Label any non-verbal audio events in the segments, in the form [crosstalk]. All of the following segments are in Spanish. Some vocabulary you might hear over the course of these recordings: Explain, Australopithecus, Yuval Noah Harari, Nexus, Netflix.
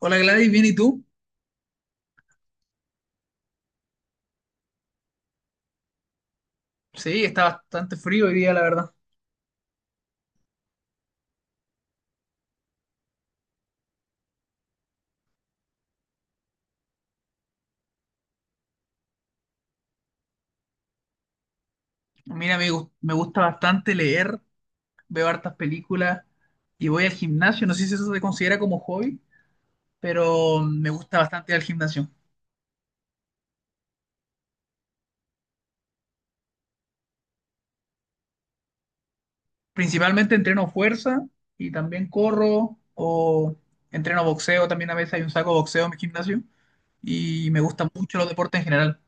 Hola Gladys, ¿bien y tú? Sí, está bastante frío hoy día, la verdad. Mira, me gusta bastante leer, veo hartas películas y voy al gimnasio. No sé si eso se considera como hobby, pero me gusta bastante ir al gimnasio. Principalmente entreno fuerza y también corro o entreno boxeo. También a veces hay un saco de boxeo en mi gimnasio y me gustan mucho los deportes en general.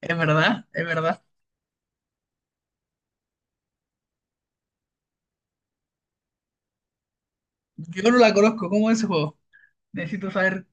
Es verdad, es verdad. Yo no la conozco, ¿cómo es ese juego? Necesito saber.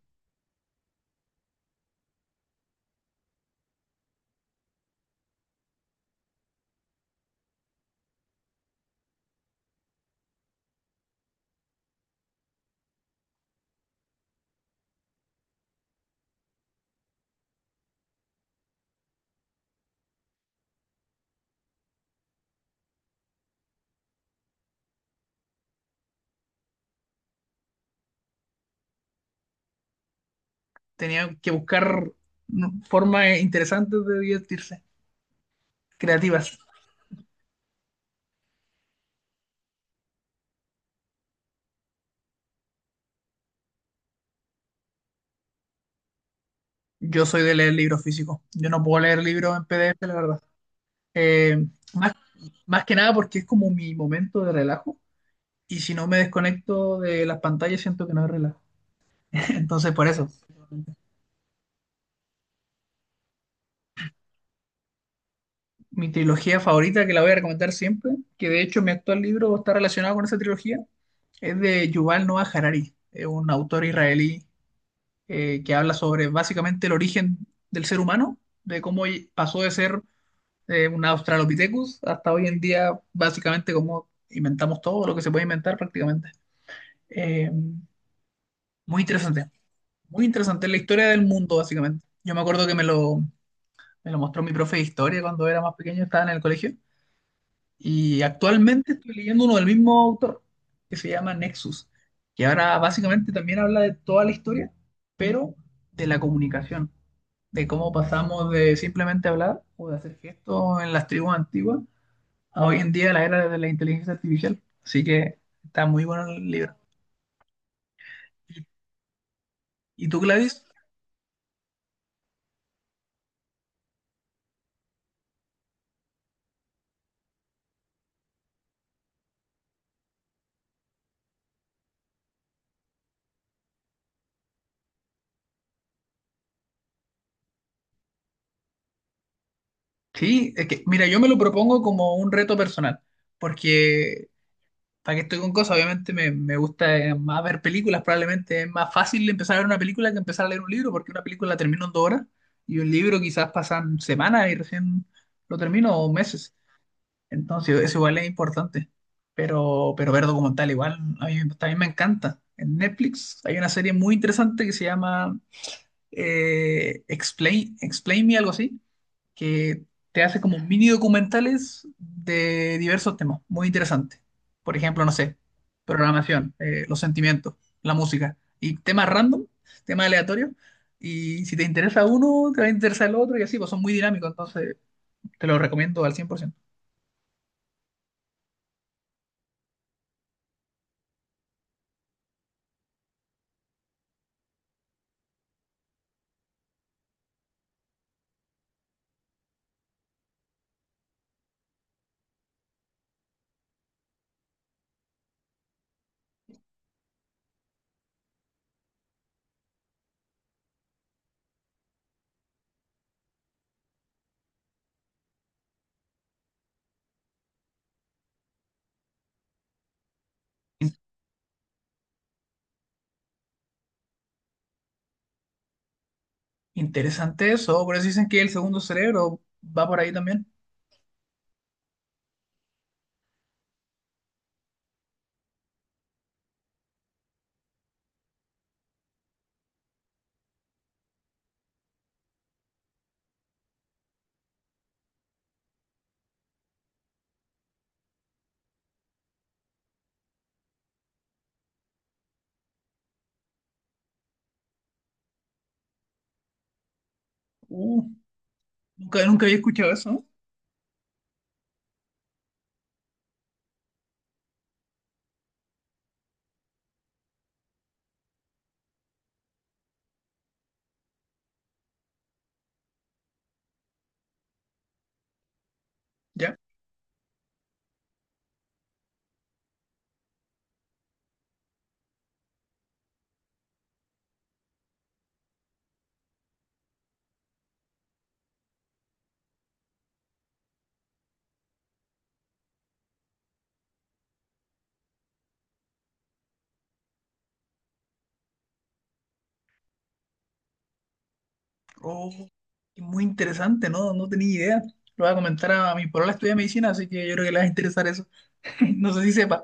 Tenía que buscar, ¿no?, formas interesantes de divertirse, creativas. Yo soy de leer libros físicos. Yo no puedo leer libros en PDF, la verdad. Eh, más, más que nada porque es como mi momento de relajo. Y si no me desconecto de las pantallas, siento que no es relajo. [laughs] Entonces, por eso, mi trilogía favorita, que la voy a recomendar siempre, que de hecho mi actual libro está relacionado con esa trilogía, es de Yuval Noah Harari, es un autor israelí, que habla sobre básicamente el origen del ser humano, de cómo pasó de ser un Australopithecus hasta hoy en día, básicamente cómo inventamos todo lo que se puede inventar prácticamente. Eh, muy interesante, muy interesante la historia del mundo, básicamente. Yo me acuerdo que me lo mostró mi profe de historia cuando era más pequeño, estaba en el colegio, y actualmente estoy leyendo uno del mismo autor, que se llama Nexus, que ahora básicamente también habla de toda la historia, pero de la comunicación, de cómo pasamos de simplemente hablar o de hacer gestos en las tribus antiguas a hoy en día la era de la inteligencia artificial. Así que está muy bueno el libro. ¿Y, y tú, Gladys? Sí, es que, mira, yo me lo propongo como un reto personal, porque para que estoy con cosas, obviamente me gusta más ver películas, probablemente es más fácil empezar a ver una película que empezar a leer un libro, porque una película la termino en dos horas y un libro quizás pasan semanas y recién lo termino o meses. Entonces, eso igual es importante. Pero ver documental igual, a mí también me encanta. En Netflix hay una serie muy interesante que se llama Explain, Explain Me, algo así, que te hace como mini documentales de diversos temas, muy interesante. Por ejemplo, no sé, programación, los sentimientos, la música y temas random, temas aleatorios. Y si te interesa uno, te va a interesar el otro y así, pues son muy dinámicos, entonces te lo recomiendo al 100%. Interesante eso, por eso dicen que el segundo cerebro va por ahí también. Uh, nunca había escuchado eso, ¿no? Ya. Oh, muy interesante, ¿no? No tenía idea. Lo voy a comentar a mi polola estudia medicina, así que yo creo que le va a interesar eso. [laughs] No sé si sepa.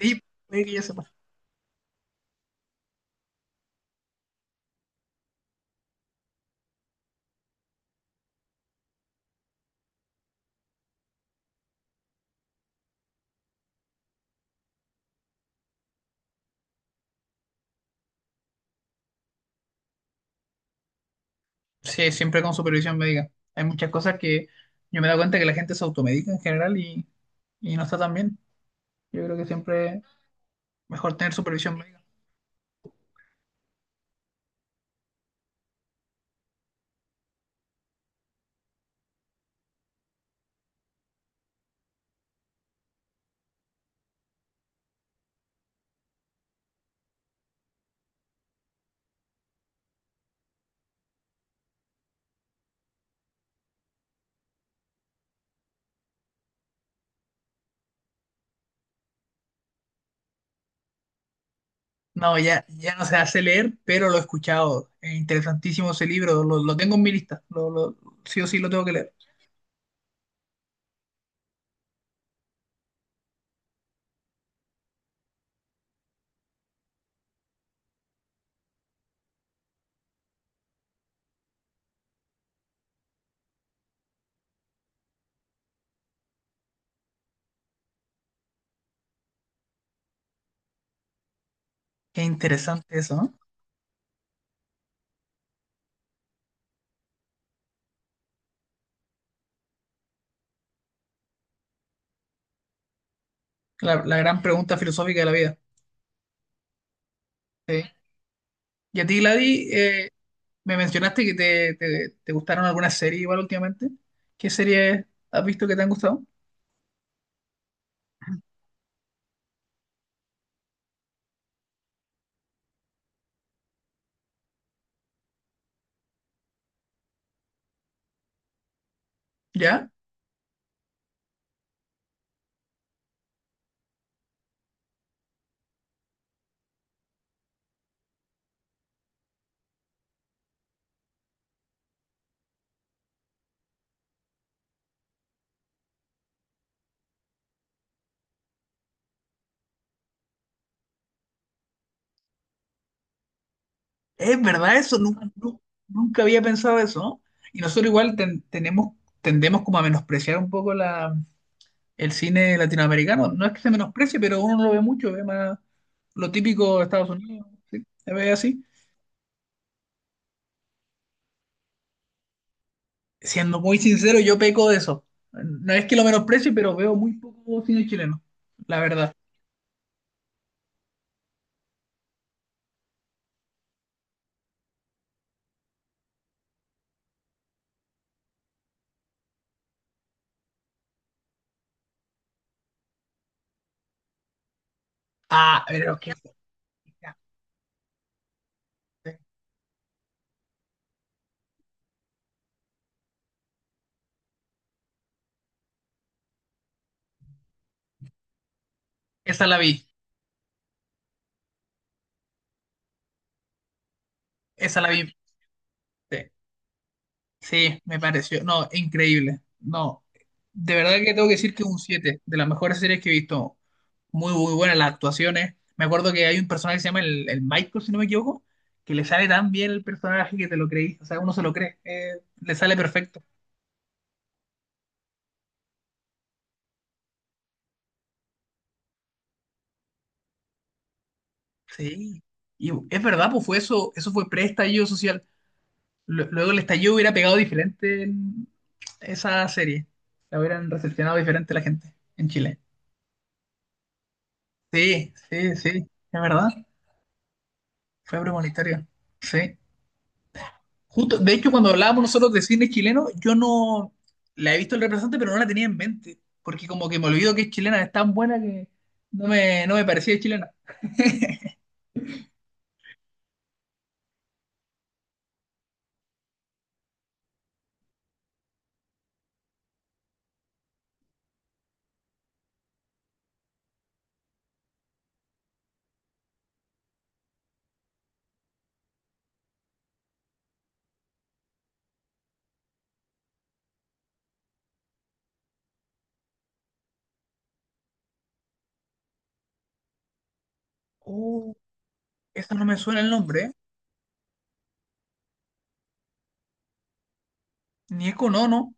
Sí, puede que ya sepa. Sí, siempre con supervisión médica. Hay muchas cosas que yo me he dado cuenta que la gente se automedica en general y no está tan bien. Yo creo que siempre es mejor tener supervisión médica. No, ya no se hace leer, pero lo he escuchado. Es interesantísimo ese libro, lo tengo en mi lista, sí o sí lo tengo que leer. Qué interesante eso, ¿no? La gran pregunta filosófica de la vida. Sí. Y a ti, Gladys, me mencionaste que te gustaron algunas series igual últimamente. ¿Qué series has visto que te han gustado? ¿Ya? Es verdad eso, nunca había pensado eso, ¿no? Y nosotros igual tenemos, tendemos como a menospreciar un poco la, el cine latinoamericano. No es que se menosprecie, pero uno lo ve mucho, ve más lo típico de Estados Unidos, ¿sí? Se ve así. Siendo muy sincero, yo peco de eso. No es que lo menosprecie, pero veo muy poco cine chileno, la verdad. Ah, pero que esa la vi, esa la vi. Sí, sí, me pareció, no, increíble. No, de verdad que tengo que decir que un 7 de las mejores series que he visto. Muy, muy buenas las actuaciones. Me acuerdo que hay un personaje que se llama el Michael, si no me equivoco, que le sale tan bien el personaje que te lo creí. O sea, uno se lo cree. Eh, le sale perfecto. Sí. Y es verdad, pues fue eso, eso fue pre-estallido social. Luego el estallido hubiera pegado diferente en esa serie. La hubieran recepcionado diferente la gente en Chile. Sí, sí, sí. Es verdad. Fue premonitorio. Sí. Justo, de hecho, cuando hablábamos nosotros de cine chileno, yo no la he visto el representante, pero no la tenía en mente, porque como que me olvido que es chilena, es tan buena que no me parecía chilena. Oh, eso no me suena el nombre, ¿eh? Nieko no, no,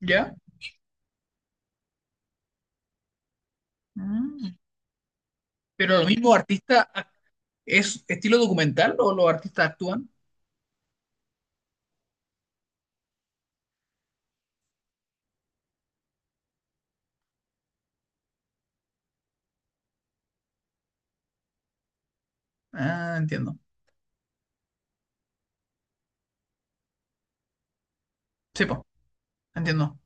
¿ya? Mm. Pero lo mismo, artista, ac-, ¿es estilo documental o los artistas actúan? Ah, entiendo. Sí, pues, entiendo.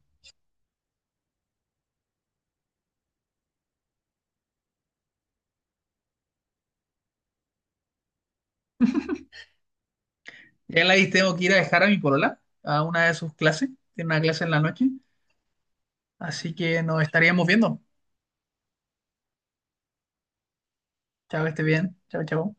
Ya la vi, tengo que ir a dejar a mi polola a una de sus clases, tiene una clase en la noche, así que nos estaríamos viendo. Chao, que esté bien. Chao, chao.